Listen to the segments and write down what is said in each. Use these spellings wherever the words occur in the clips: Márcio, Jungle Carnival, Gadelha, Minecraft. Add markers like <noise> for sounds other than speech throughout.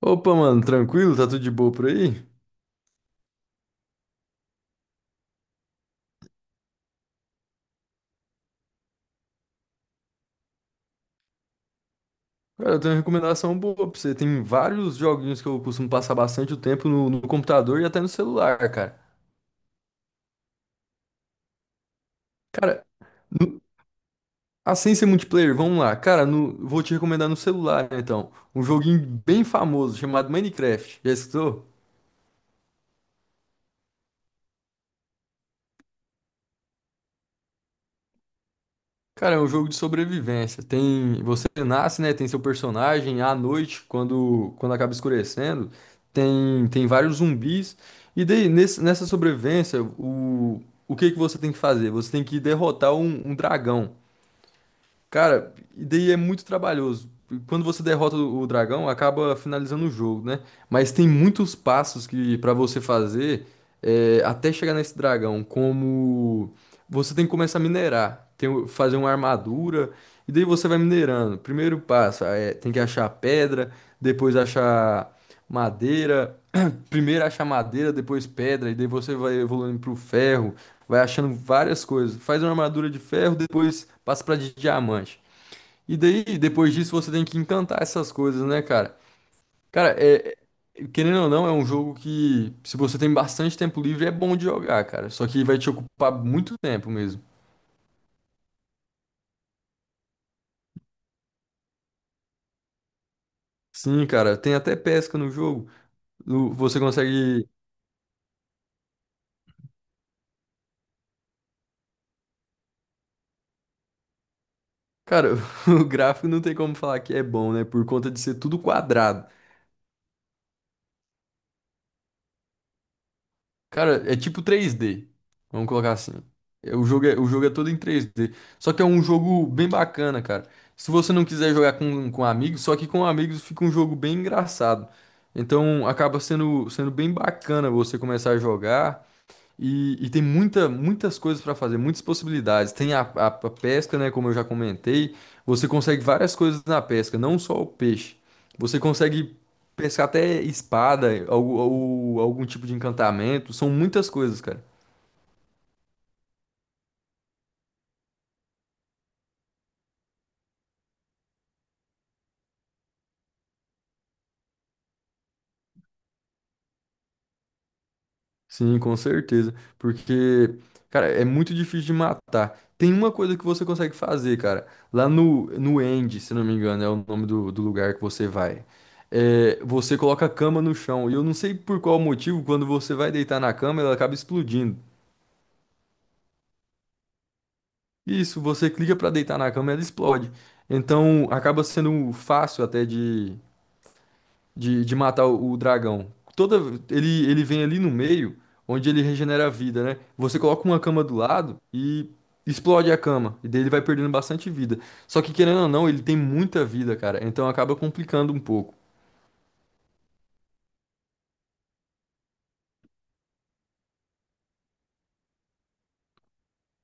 Opa, mano, tranquilo? Tá tudo de boa por aí? Cara, eu tenho uma recomendação boa pra você. Tem vários joguinhos que eu costumo passar bastante o tempo no computador e até no celular, cara. Cara, no, assim ser multiplayer, vamos lá. Cara, vou te recomendar no celular, né, então. Um joguinho bem famoso chamado Minecraft. Já escutou? Cara, é um jogo de sobrevivência. Tem, você nasce, né? Tem seu personagem à noite, quando acaba escurecendo, tem vários zumbis. E daí, nessa sobrevivência, o que que você tem que fazer? Você tem que derrotar um dragão. Cara, e daí é muito trabalhoso. Quando você derrota o dragão, acaba finalizando o jogo, né? Mas tem muitos passos que para você fazer é, até chegar nesse dragão, como você tem que começar a minerar, tem, fazer uma armadura, e daí você vai minerando. Primeiro passo é tem que achar pedra, depois achar madeira, <clears throat> primeiro achar madeira, depois pedra, e daí você vai evoluindo pro ferro. Vai achando várias coisas. Faz uma armadura de ferro, depois passa pra de diamante. E daí, depois disso, você tem que encantar essas coisas, né, cara? Cara, é, querendo ou não, é um jogo que, se você tem bastante tempo livre, é bom de jogar, cara. Só que vai te ocupar muito tempo mesmo. Sim, cara, tem até pesca no jogo. Você consegue. Cara, <laughs> o gráfico não tem como falar que é bom, né? Por conta de ser tudo quadrado. Cara, é tipo 3D. Vamos colocar assim. É, o jogo é todo em 3D. Só que é um jogo bem bacana, cara. Se você não quiser jogar com amigos, só que com amigos fica um jogo bem engraçado. Então acaba sendo bem bacana você começar a jogar. E tem muitas coisas para fazer, muitas possibilidades. Tem a pesca, né? Como eu já comentei, você consegue várias coisas na pesca, não só o peixe. Você consegue pescar até espada, ou algum tipo de encantamento. São muitas coisas, cara. Sim, com certeza. Porque, cara, é muito difícil de matar. Tem uma coisa que você consegue fazer, cara. Lá no End, se não me engano, é o nome do lugar que você vai. É, você coloca a cama no chão. E eu não sei por qual motivo, quando você vai deitar na cama, ela acaba explodindo. Isso, você clica pra deitar na cama, ela explode. Então, acaba sendo fácil até de matar o dragão. Toda, ele vem ali no meio, onde ele regenera a vida, né? Você coloca uma cama do lado e explode a cama. E daí ele vai perdendo bastante vida. Só que, querendo ou não, ele tem muita vida, cara. Então acaba complicando um pouco.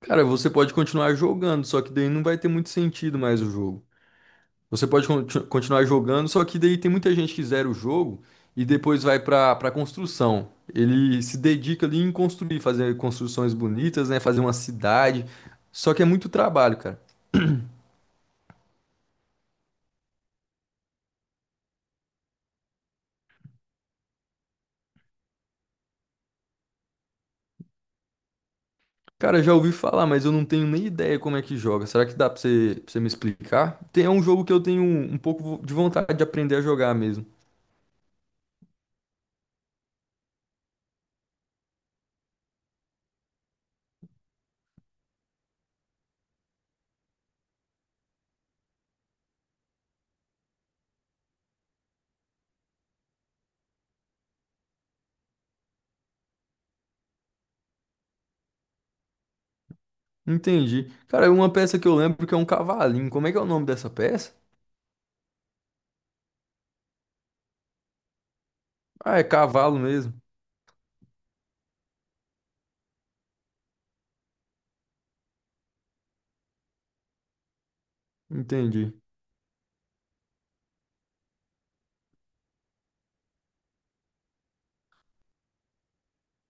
Cara, você pode continuar jogando, só que daí não vai ter muito sentido mais o jogo. Você pode continuar jogando, só que daí tem muita gente que zera o jogo e depois vai para construção. Ele se dedica ali em construir, fazer construções bonitas, né? Fazer uma cidade. Só que é muito trabalho, cara. Cara, já ouvi falar, mas eu não tenho nem ideia como é que joga. Será que dá pra você me explicar? Tem, é um jogo que eu tenho um pouco de vontade de aprender a jogar mesmo. Entendi. Cara, uma peça que eu lembro que é um cavalinho. Como é que é o nome dessa peça? Ah, é cavalo mesmo. Entendi.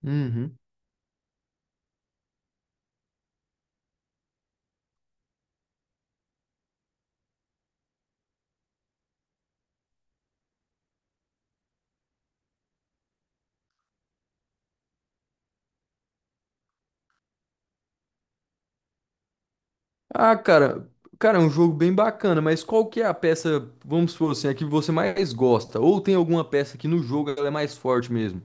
Uhum. Ah, cara, cara, é um jogo bem bacana, mas qual que é a peça, vamos supor assim, a que você mais gosta? Ou tem alguma peça que no jogo ela é mais forte mesmo?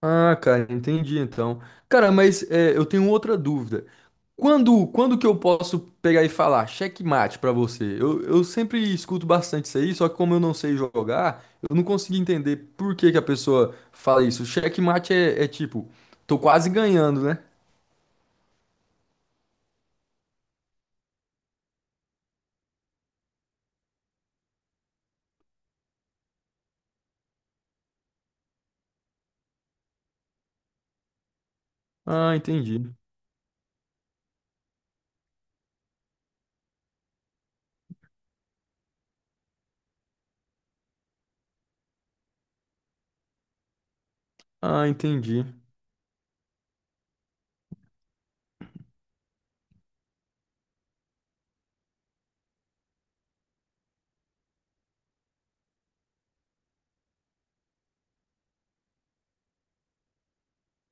Ah, cara, entendi então. Cara, mas é, eu tenho outra dúvida. Quando que eu posso pegar e falar checkmate pra você? Eu sempre escuto bastante isso aí, só que como eu não sei jogar, eu não consigo entender por que que a pessoa fala isso. Checkmate é, é tipo, tô quase ganhando, né? Ah, entendi. Ah, entendi.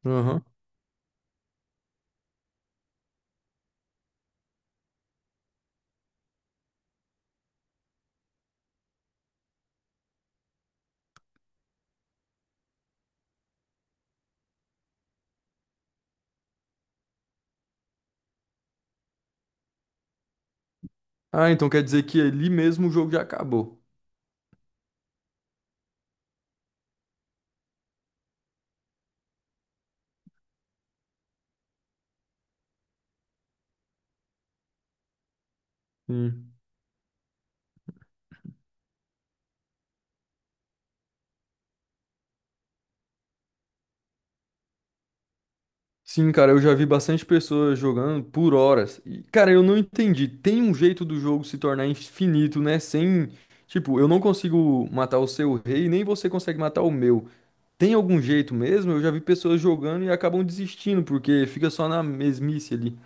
Aham. Ah, então quer dizer que ali mesmo o jogo já acabou. Sim. Sim, cara, eu já vi bastante pessoas jogando por horas. E, cara, eu não entendi. Tem um jeito do jogo se tornar infinito, né? Sem. Tipo, eu não consigo matar o seu rei, nem você consegue matar o meu. Tem algum jeito mesmo? Eu já vi pessoas jogando e acabam desistindo, porque fica só na mesmice ali.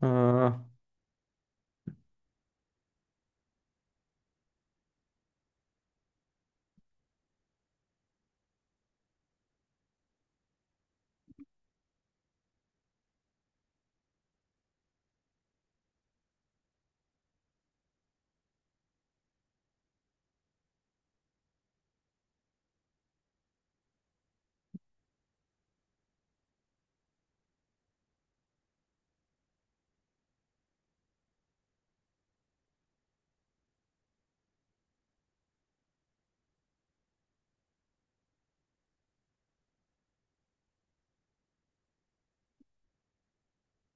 Ah,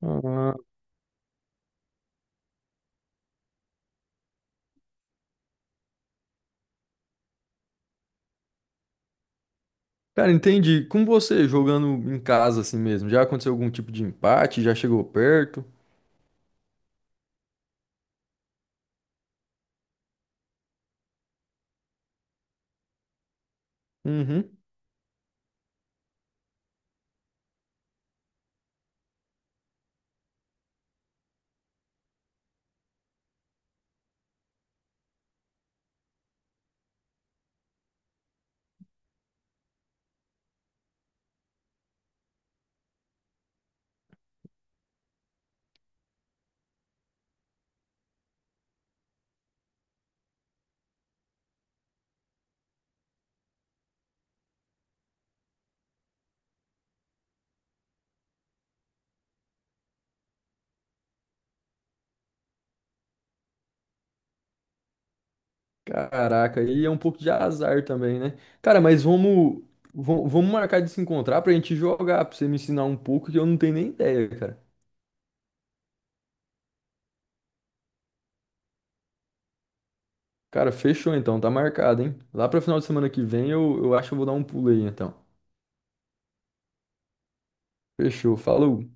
ah. Cara, entendi. Com você jogando em casa assim mesmo, já aconteceu algum tipo de empate? Já chegou perto? Uhum. Caraca, e é um pouco de azar também, né? Cara, mas vamos, vamos marcar de se encontrar pra gente jogar, pra você me ensinar um pouco que eu não tenho nem ideia, cara. Cara, fechou então, tá marcado, hein? Lá pra final de semana que vem eu acho que eu vou dar um pulo aí então. Fechou, falou.